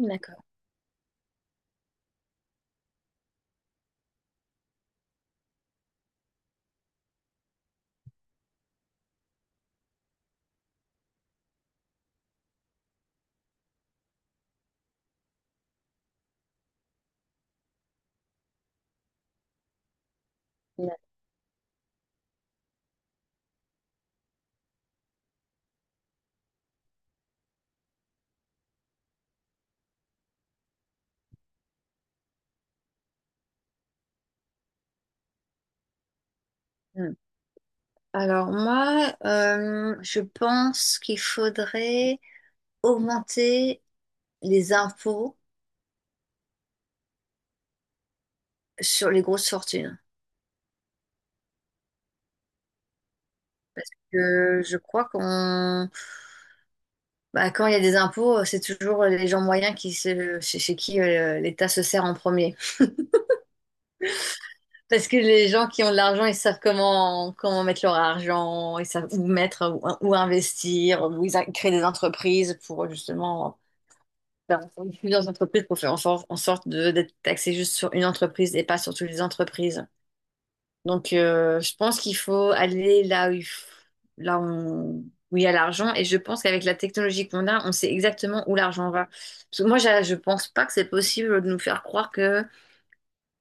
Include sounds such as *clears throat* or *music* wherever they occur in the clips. D'accord. Mm. Alors moi, je pense qu'il faudrait augmenter les impôts sur les grosses fortunes. Je crois qu'on, bah, quand il y a des impôts, c'est toujours les gens moyens qui se, chez, chez qui l'État se sert en premier. Parce que les gens qui ont de l'argent, ils savent comment, comment mettre leur argent, ils savent où mettre, où, où investir, où créent des entreprises pour justement dans plusieurs entreprises pour faire en sorte de d'être taxé juste sur une entreprise et pas sur toutes les entreprises. Donc, je pense qu'il faut aller là où on- où il y a l'argent. Et je pense qu'avec la technologie qu'on a, on sait exactement où l'argent va. Parce que moi, je pense pas que c'est possible de nous faire croire que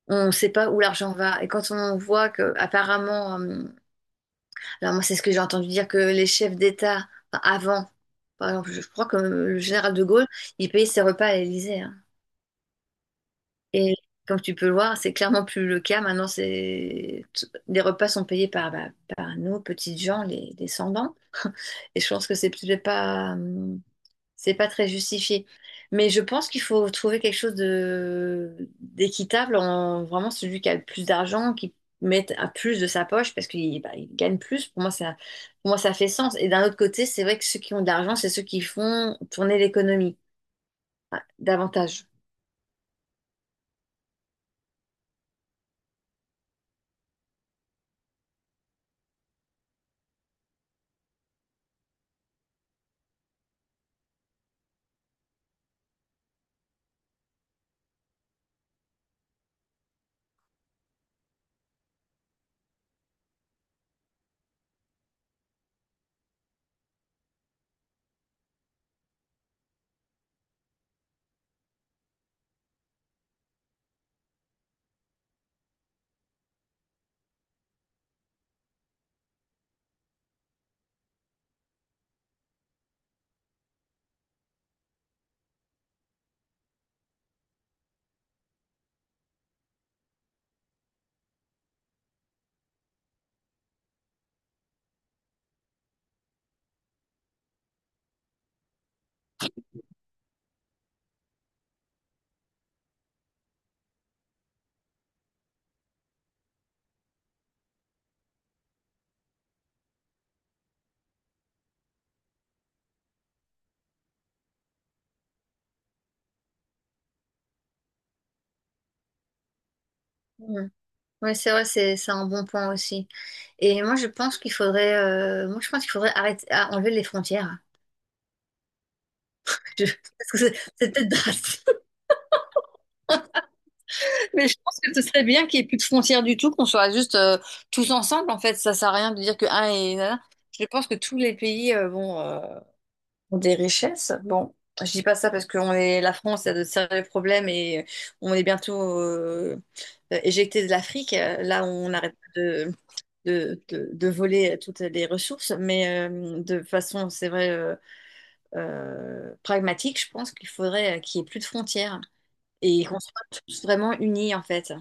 on sait pas où l'argent va. Et quand on voit que, apparemment, alors moi, c'est ce que j'ai entendu dire que les chefs d'État, enfin, avant, par exemple, je crois que le général de Gaulle, il payait ses repas à l'Élysée, hein. Et comme tu peux le voir, c'est clairement plus le cas. Maintenant, les repas sont payés par, bah, par nous, petites gens, les descendants. Et je pense que c'est peut-être pas, c'est pas très justifié. Mais je pense qu'il faut trouver quelque chose de d'équitable en vraiment celui qui a le plus d'argent, qui mette un plus de sa poche parce qu'il bah, il gagne plus. Pour moi, ça fait sens. Et d'un autre côté, c'est vrai que ceux qui ont de l'argent, c'est ceux qui font tourner l'économie, ah, davantage. Oui, c'est vrai, c'est un bon point aussi. Et moi, je pense qu'il faudrait, moi, je pense qu'il faudrait arrêter, ah, enlever les frontières. *laughs* Je- parce que c'est peut-être drastique, *laughs* mais je pense que ce serait bien qu'il n'y ait plus de frontières du tout, qu'on soit juste tous ensemble. En fait, ça sert à rien de dire que un est, nanana. Je pense que tous les pays bon, ont des richesses. Bon, je dis pas ça parce que on est, la France a de sérieux problèmes et on est bientôt éjecté de l'Afrique. Là, on arrête pas de voler toutes les ressources, mais de façon, c'est vrai, pragmatique, je pense qu'il faudrait qu'il n'y ait plus de frontières et qu'on soit tous vraiment unis, en fait.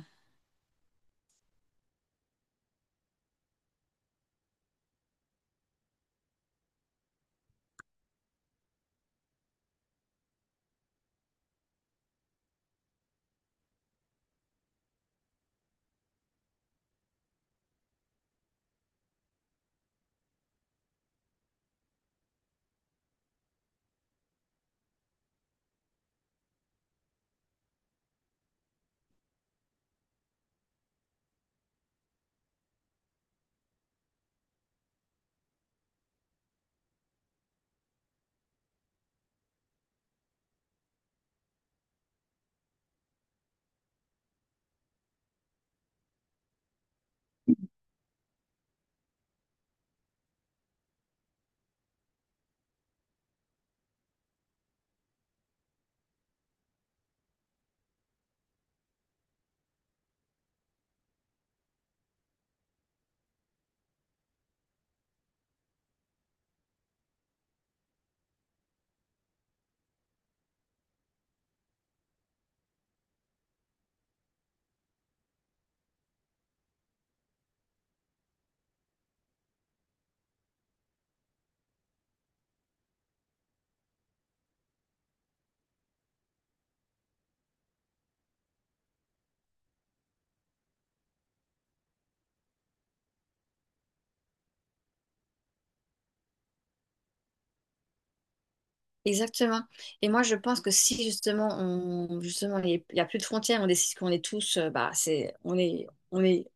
Exactement. Et moi, je pense que si justement, on, justement, il n'y a plus de frontières, on décide qu'on est tous, bah, c'est, on est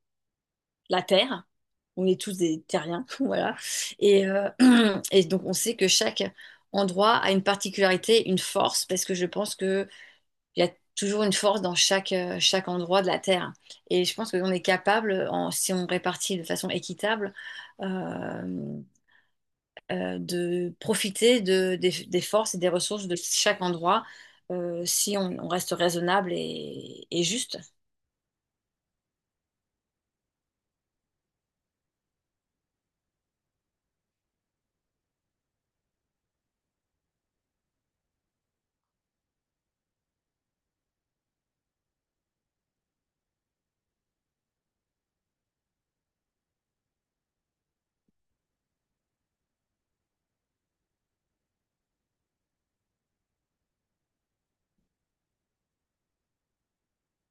la Terre, on est tous des terriens, *laughs* voilà. Et, *clears throat* et donc, on sait que chaque endroit a une particularité, une force, parce que je pense que il y a toujours une force dans chaque, chaque endroit de la Terre. Et je pense qu'on est capable, si on répartit de façon équitable, euh, de profiter des forces et des ressources de chaque endroit, si on, on reste raisonnable et juste.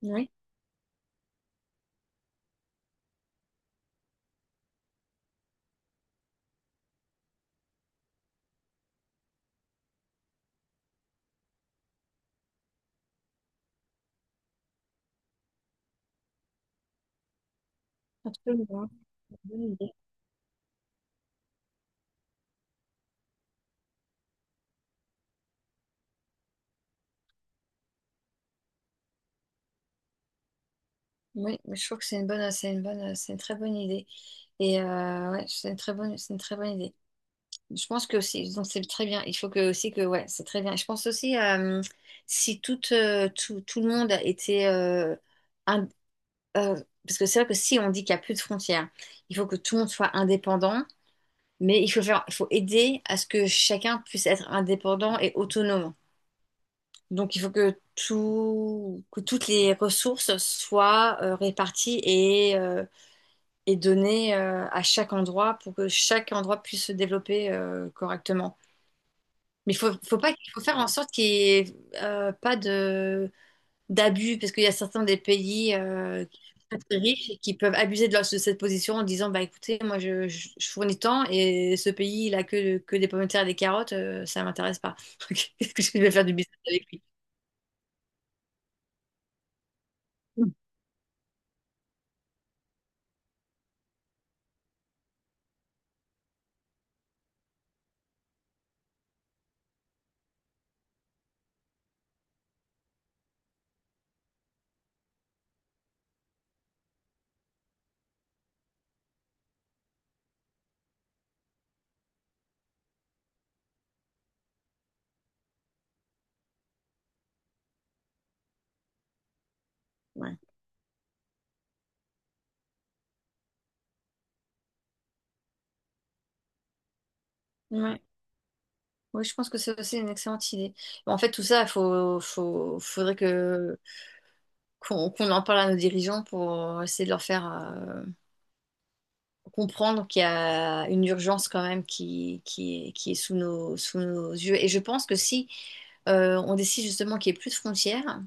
Oui, absolument. Bonne idée. Oui, mais je trouve que c'est une bonne, c'est une très bonne idée. Et ouais, c'est une très bonne idée. Je pense que aussi, donc c'est très bien. Il faut que aussi que ouais, c'est très bien. Je pense aussi si tout, tout le monde était ind- euh, parce que c'est vrai que si on dit qu'il n'y a plus de frontières, il faut que tout le monde soit indépendant, mais il faut faire, il faut aider à ce que chacun puisse être indépendant et autonome. Donc il faut que toutes les ressources soient réparties et données à chaque endroit pour que chaque endroit puisse se développer correctement. Mais faut, faut pas, faut faire en sorte qu'il n'y ait pas de d'abus, parce qu'il y a certains des pays qui sont très riches et qui peuvent abuser de, leur, de cette position en disant, bah écoutez, moi je, je fournis tant et ce pays il a que des pommes de terre et des carottes, ça m'intéresse pas. *laughs* Qu'est-ce que je vais faire du business avec lui? Ouais. Ouais. Oui, je pense que c'est aussi une excellente idée. En fait, tout ça, faudrait que qu'on en parle à nos dirigeants pour essayer de leur faire comprendre qu'il y a une urgence quand même qui est sous nos yeux. Et je pense que si on décide justement qu'il n'y ait plus de frontières,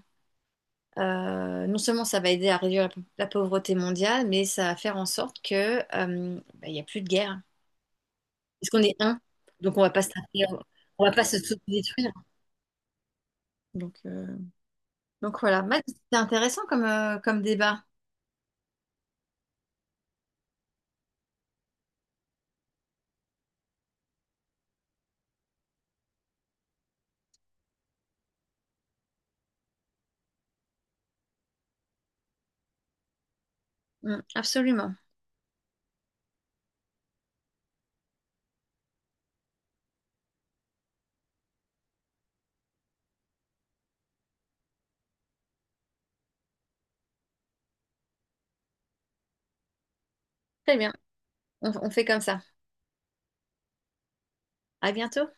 non seulement ça va aider à réduire la pauvreté mondiale, mais ça va faire en sorte que, bah, il n'y a plus de guerre. Parce qu'on est un, donc on va pas se taper, on va pas se détruire. Donc, euh, donc voilà, bah, c'est intéressant comme, comme débat. Mm, absolument. Très bien, on fait comme ça. À bientôt.